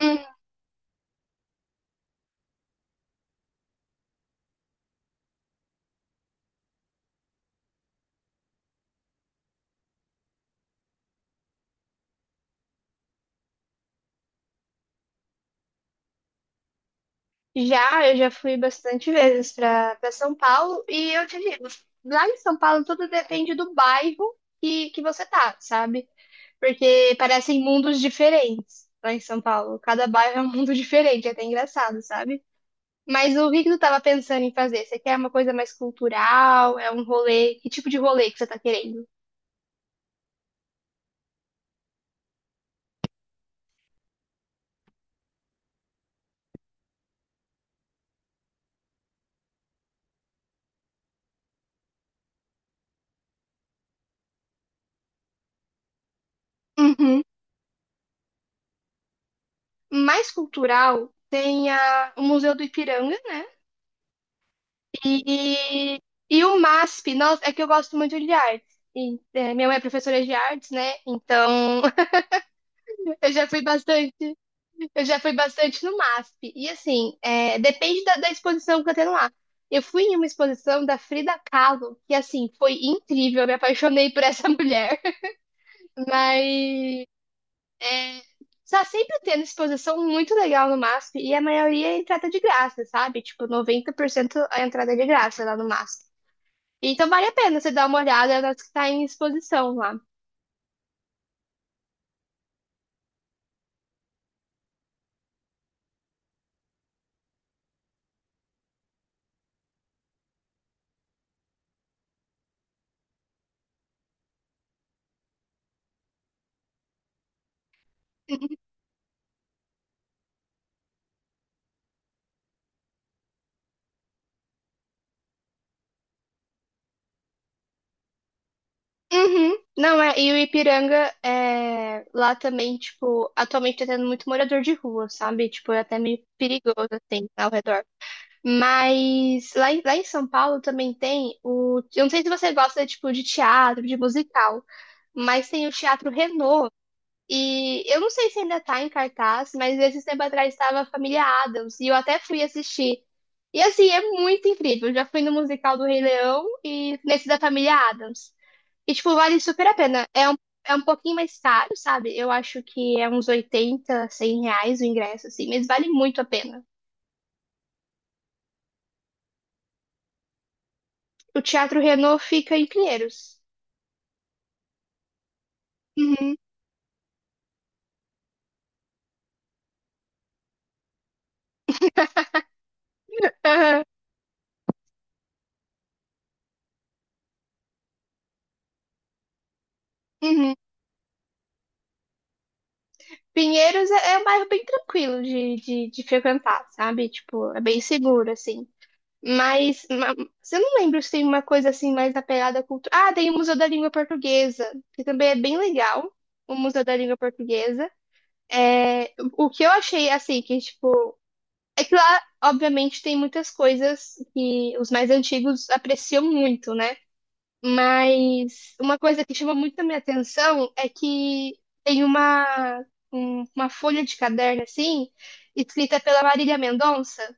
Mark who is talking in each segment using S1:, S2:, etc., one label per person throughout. S1: Hum. Já, eu já fui bastante vezes para São Paulo e eu te digo, lá em São Paulo tudo depende do bairro que você tá, sabe? Porque parecem mundos diferentes lá em São Paulo. Cada bairro é um mundo diferente, é até engraçado, sabe? Mas o que que tu tava pensando em fazer? Você quer uma coisa mais cultural? É um rolê? Que tipo de rolê que você tá querendo? Uhum. Mais cultural tem o Museu do Ipiranga, né? E, e o MASP, nossa, é que eu gosto muito de artes. E, minha mãe é professora de artes, né? Então eu já fui bastante, eu já fui bastante no MASP. E assim, depende da exposição que eu tenho lá. Eu fui em uma exposição da Frida Kahlo, que assim, foi incrível, eu me apaixonei por essa mulher. Mas tá sempre tendo exposição muito legal no MASP, e a maioria é entrada de graça, sabe? Tipo, 90% a entrada é de graça lá no MASP. Então vale a pena você dar uma olhada nas que tá em exposição lá. Uhum. Não, é, e o Ipiranga é, lá também, tipo, atualmente tá tendo muito morador de rua, sabe? Tipo, é até meio perigoso, assim, ao redor. Mas lá em São Paulo também tem o. Eu não sei se você gosta, tipo, de teatro, de musical, mas tem o Teatro Renault. E eu não sei se ainda tá em cartaz, mas esses tempo atrás estava a Família Addams e eu até fui assistir. E assim, é muito incrível. Eu já fui no musical do Rei Leão e nesse da Família Addams. E tipo, vale super a pena. É um pouquinho mais caro, sabe? Eu acho que é uns 80, 100 reais o ingresso, assim, mas vale muito a pena. O Teatro Renault fica em Pinheiros. Uhum, aham, uhum. Pinheiros é um bairro bem tranquilo de frequentar, sabe? Tipo, é bem seguro, assim. Mas, mas eu não lembro se tem uma coisa assim mais apegada à cultura. Ah, tem o Museu da Língua Portuguesa, que também é bem legal, o Museu da Língua Portuguesa. É, o que eu achei assim, que tipo, é que lá, obviamente, tem muitas coisas que os mais antigos apreciam muito, né? Mas uma coisa que chama muito a minha atenção é que tem uma, uma folha de caderno assim, escrita pela Marília Mendonça.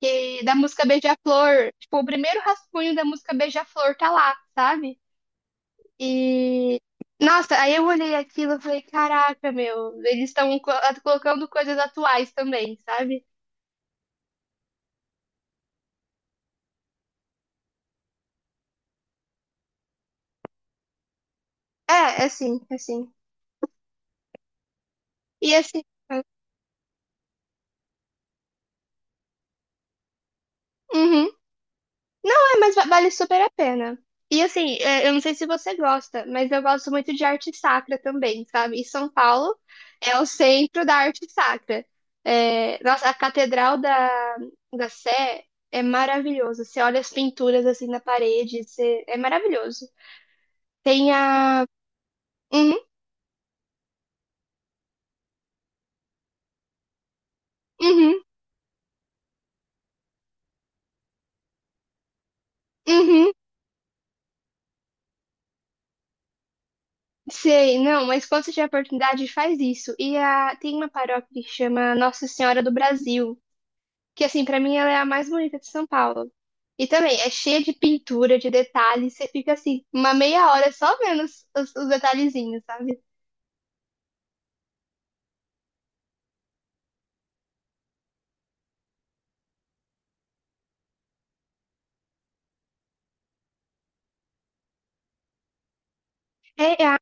S1: E da música Beija-Flor, tipo, o primeiro rascunho da música Beija-Flor tá lá, sabe? E nossa, aí eu olhei aquilo e falei, caraca, meu, eles estão colocando coisas atuais também, sabe? É, é sim, é sim. E assim, uhum, mas vale super a pena. E assim, é, eu não sei se você gosta, mas eu gosto muito de arte sacra também, sabe? E São Paulo é o centro da arte sacra. É, nossa, a Catedral da Sé é maravilhosa. Você olha as pinturas assim na parede, é maravilhoso. Tem a. Uhum, uhum, uhum. Sei, não, mas quando você tiver oportunidade, faz isso. E tem uma paróquia que chama Nossa Senhora do Brasil. Que assim, pra mim ela é a mais bonita de São Paulo. E também é cheia de pintura, de detalhes, você fica assim, uma meia hora só vendo os detalhezinhos, sabe? É, a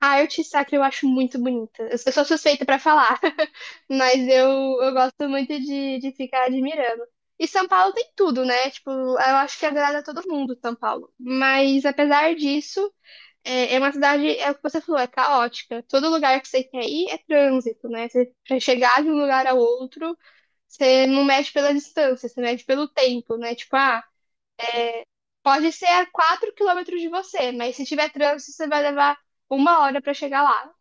S1: a arte sacra eu acho muito bonita. Eu sou suspeita pra falar, mas eu gosto muito de ficar admirando. E São Paulo tem tudo, né? Tipo, eu acho que agrada a todo mundo, São Paulo. Mas apesar disso, é uma cidade, é o que você falou, é caótica. Todo lugar que você quer ir é trânsito, né? Você, pra chegar de um lugar ao outro. Você não mede pela distância, você mede pelo tempo, né? Tipo, ah, pode ser a 4 quilômetros de você, mas se tiver trânsito, você vai levar uma hora para chegar lá.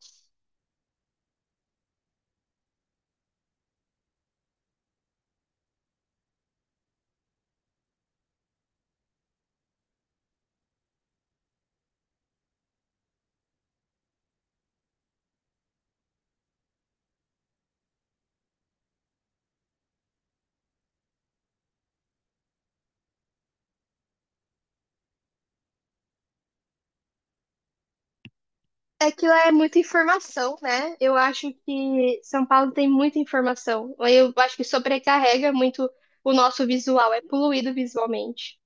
S1: Aquilo é muita informação, né? Eu acho que São Paulo tem muita informação. Eu acho que sobrecarrega muito o nosso visual, é poluído visualmente.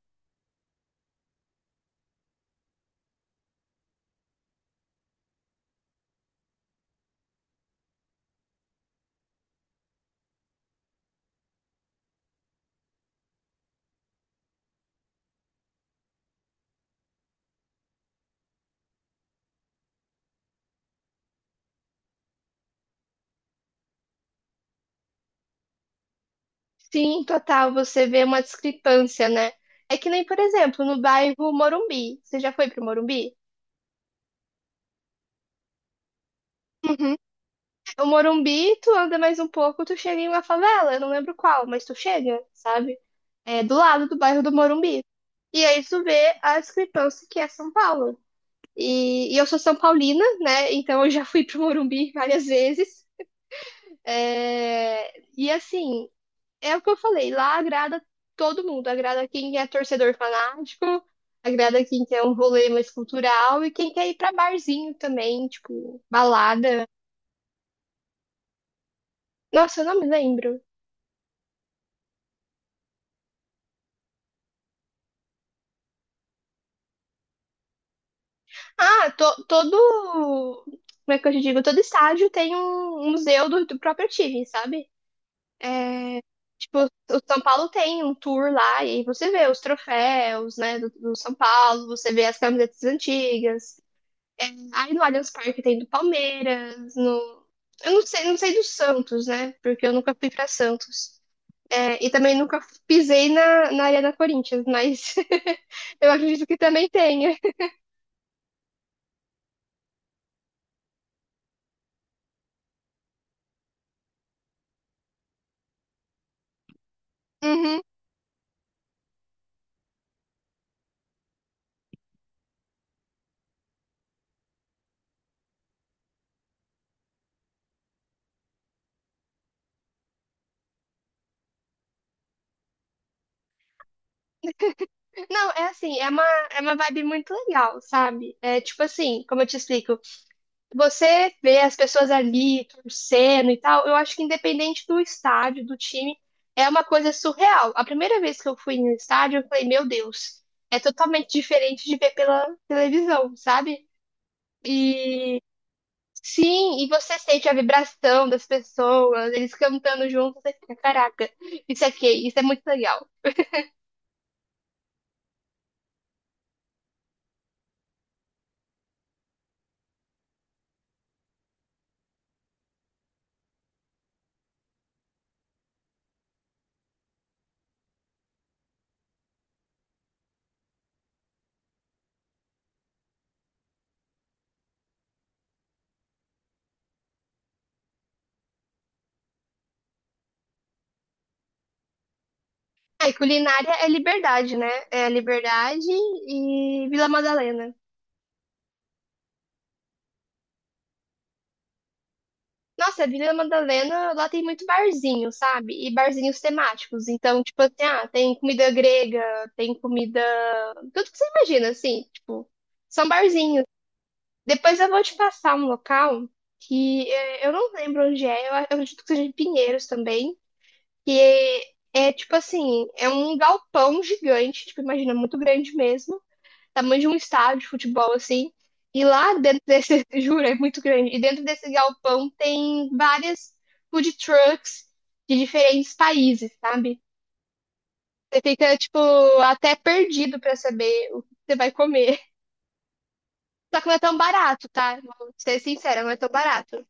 S1: Sim, total, você vê uma discrepância, né? É que nem, por exemplo, no bairro Morumbi. Você já foi pro Morumbi? Uhum. O Morumbi, tu anda mais um pouco, tu chega em uma favela, eu não lembro qual, mas tu chega, sabe? É do lado do bairro do Morumbi. E aí tu vê a discrepância que é São Paulo. E eu sou São Paulina, né? Então eu já fui pro Morumbi várias vezes. É, e assim, é o que eu falei, lá agrada todo mundo, agrada quem é torcedor fanático, agrada quem quer um rolê mais cultural e quem quer ir pra barzinho também, tipo, balada. Nossa, eu não me lembro. Ah, todo. Como é que eu te digo? Todo estádio tem um museu do próprio time, sabe? É, tipo, o São Paulo tem um tour lá e você vê os troféus, né, do São Paulo, você vê as camisetas antigas. Aí no Allianz Parque tem do Palmeiras, no. Eu não sei do Santos, né? Porque eu nunca fui pra Santos. É, e também nunca pisei na Arena Corinthians, mas eu acredito que também tenha. Uhum. Não, é assim, é uma, vibe muito legal, sabe? É tipo assim, como eu te explico, você vê as pessoas ali torcendo e tal, eu acho que independente do estádio, do time, é uma coisa surreal. A primeira vez que eu fui no estádio, eu falei, meu Deus, é totalmente diferente de ver pela televisão, sabe? E sim, e você sente a vibração das pessoas, eles cantando juntos, você fica, caraca, isso aqui, isso é muito legal. Ah, e culinária é liberdade, né? É liberdade e Vila Madalena. Nossa, Vila Madalena, lá tem muito barzinho, sabe? E barzinhos temáticos. Então, tipo assim, ah, tem comida grega, tem comida. Tudo que você imagina, assim, tipo, são barzinhos. Depois eu vou te passar um local que eu não lembro onde é, eu acredito que seja em Pinheiros também, que é tipo assim, é um galpão gigante, tipo, imagina, muito grande mesmo. Tamanho de um estádio de futebol, assim. E lá dentro desse, juro, é muito grande. E dentro desse galpão tem várias food trucks de diferentes países, sabe? Você fica, tipo, até perdido pra saber o que você vai comer. Só que não é tão barato, tá? Vou ser sincera, não é tão barato.